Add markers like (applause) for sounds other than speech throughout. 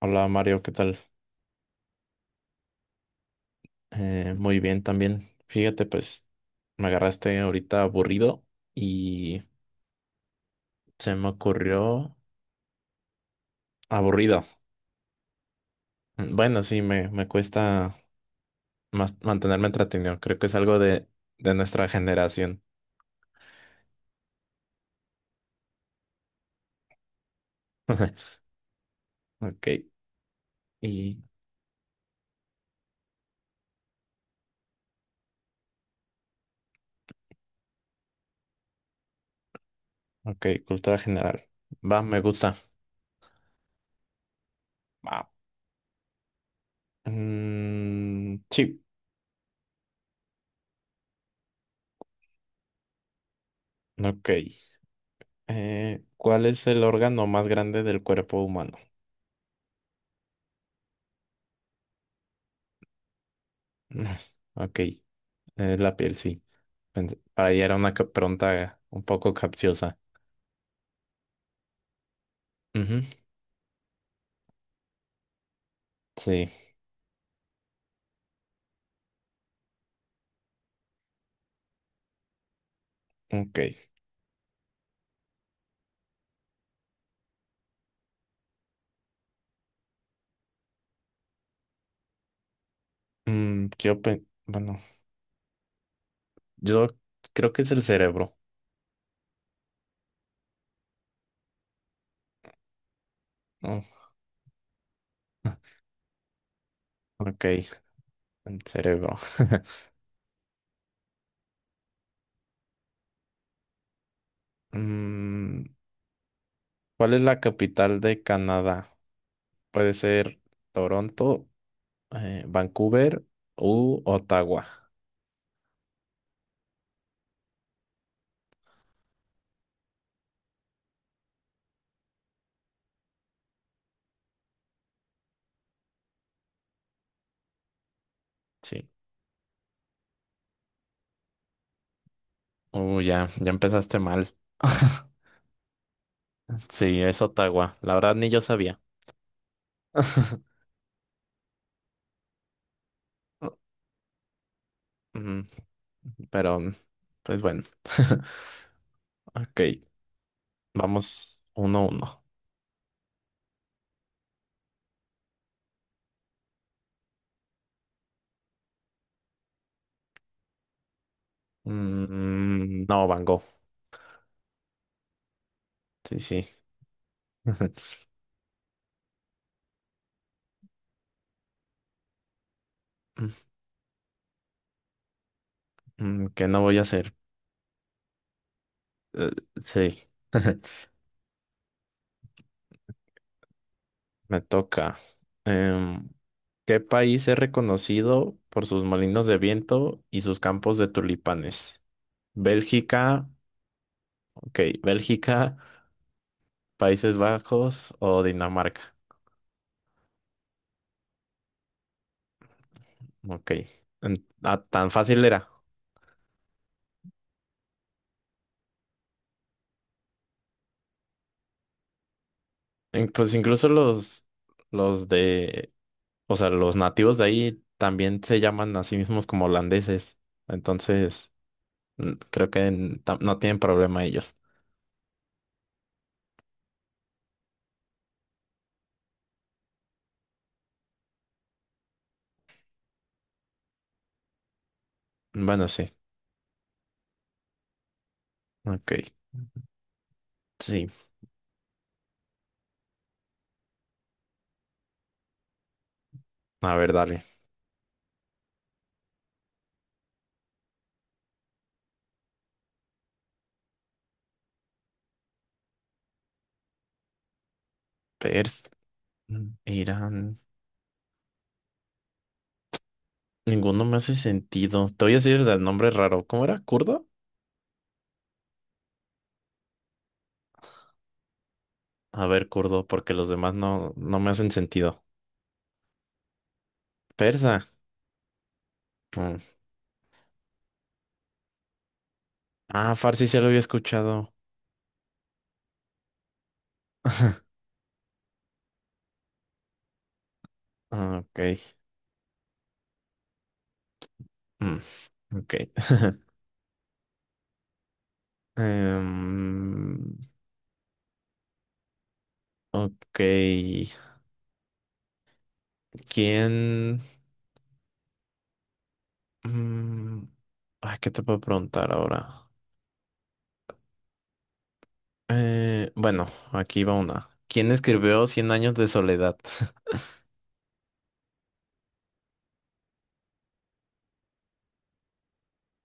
Hola Mario, ¿qué tal? Muy bien también. Fíjate, pues me agarraste ahorita aburrido y se me ocurrió aburrido. Bueno, sí, me cuesta más mantenerme entretenido. Creo que es algo de nuestra generación. (laughs) Ok, y ok, cultura general. Va, me gusta. Va. Mm, sí, ok. ¿Cuál es el órgano más grande del cuerpo humano? (laughs) Ok, la piel, sí. Para ella era una pregunta un poco capciosa. Ujú. Sí, ok. Mm, bueno, yo creo que es el cerebro, ¿no? (laughs) Ok, el cerebro. (laughs) Mm, ¿cuál es la capital de Canadá? Puede ser Toronto, Vancouver u Ottawa. Sí. Ya, ya empezaste mal. (laughs) Sí, es Ottawa. La verdad ni yo sabía. (laughs) Mm, pero, pues bueno. (laughs) Ok, vamos uno a uno. Mm, no, Van Gogh. Sí, sí. (laughs) Mm, ¿qué no voy a hacer? Sí. (laughs) Me toca. Em, ¿Qué país es reconocido por sus molinos de viento y sus campos de tulipanes? Bélgica, ok, Bélgica, Países Bajos o Dinamarca. Ok. Ah, tan fácil era. Pues incluso los de o sea, los nativos de ahí también se llaman a sí mismos como holandeses. Entonces, creo que no tienen problema ellos. Bueno, sí. Ok. Sí. A ver, dale. Pers, Irán. Ninguno me hace sentido. Te voy a decir el nombre raro. ¿Cómo era? ¿Kurdo? A ver, kurdo, porque los demás no, no me hacen sentido. Persa. Mm. Ah, farsi se lo había escuchado. Ah, ok. Mm, ok. (laughs) Em, ok. ¿Quién? Mm, ay, ¿qué te puedo preguntar ahora? Bueno, aquí va una. ¿Quién escribió Cien años de soledad? (laughs)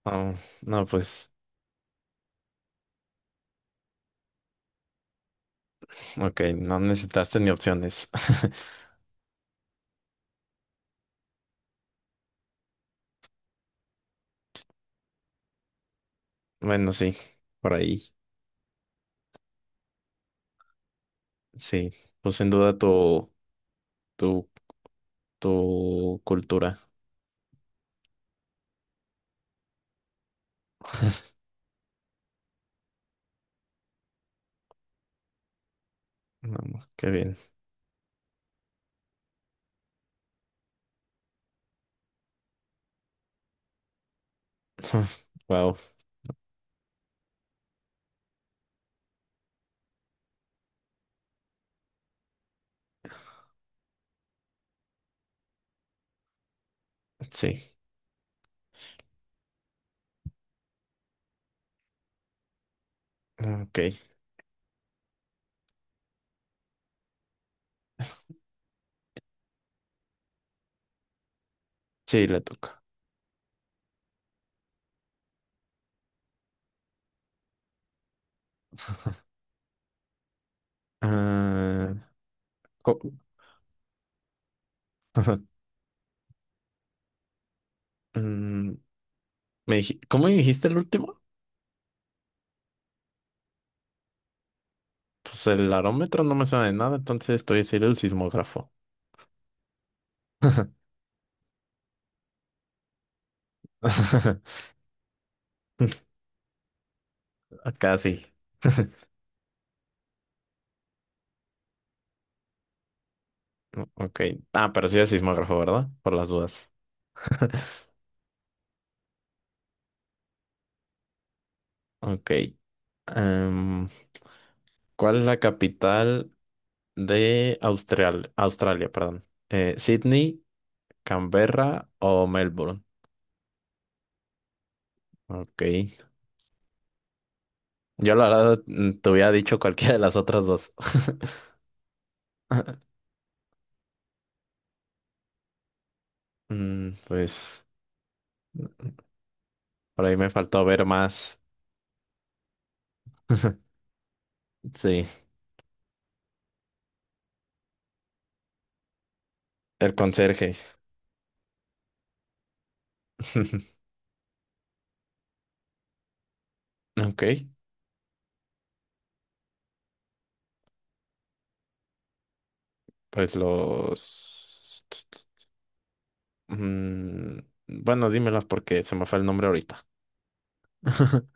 Oh, no, pues, ok, no necesitaste ni opciones. (laughs) Bueno, sí, por ahí, sí. Pues sin duda tu, tu, tu cultura. No, no, qué bien. (laughs) Wow, sí, ok, sí, le toca. Ah, co- mm, ¿Cómo me dijiste el último? Pues el arómetro no me suena de nada, entonces estoy a decir el sismógrafo. (laughs) Acá sí. Mm, ok. Ah, pero sí es sismógrafo, ¿verdad? Por las dudas. (laughs) Ok. Em, ¿Cuál es la capital de Australia? Perdón. ¿Sydney, Canberra o Melbourne? Ok. Yo la verdad te hubiera dicho cualquiera de las otras dos. (laughs) Mm, pues por ahí me faltó ver más. (laughs) Sí, el conserje. (laughs) Ok, pues los. Mm, bueno, dímelos porque se me fue el nombre ahorita. (laughs)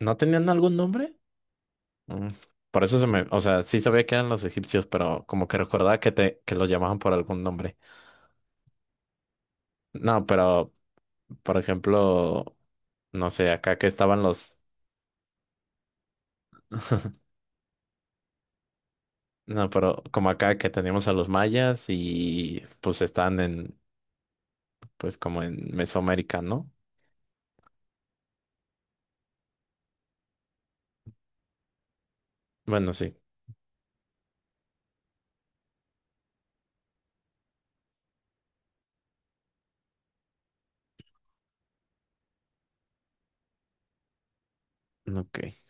¿No tenían algún nombre? Mm, por eso se me. O sea, sí sabía que eran los egipcios, pero como que recordaba que los llamaban por algún nombre. No, pero, por ejemplo, no sé, acá que estaban los. No, pero como acá que teníamos a los mayas y pues están pues como en Mesoamérica, ¿no? Bueno, sí. Ok.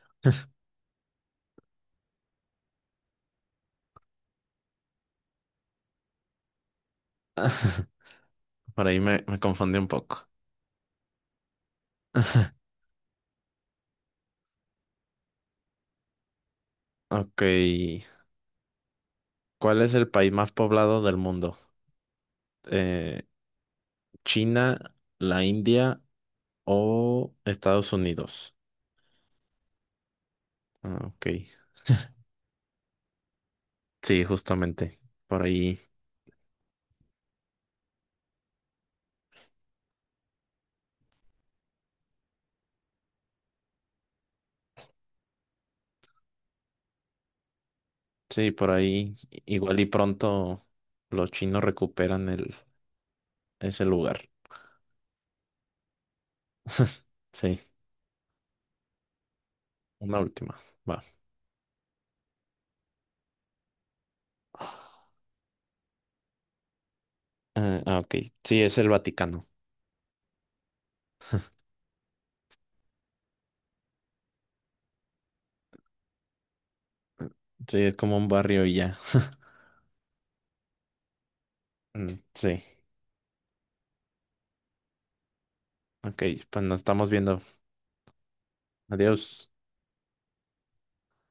(laughs) Por ahí me confundí un poco. Ok. ¿Cuál es el país más poblado del mundo? Eh, ¿China, la India o Estados Unidos? Ah, ok. Sí, justamente. Por ahí. Sí, por ahí. Igual y pronto los chinos recuperan ese lugar. (laughs) Sí, una última. Va. Ah, ah, ok. Sí, es el Vaticano. Sí, es como un barrio y ya. Mm, sí. Ok, pues nos estamos viendo. Adiós.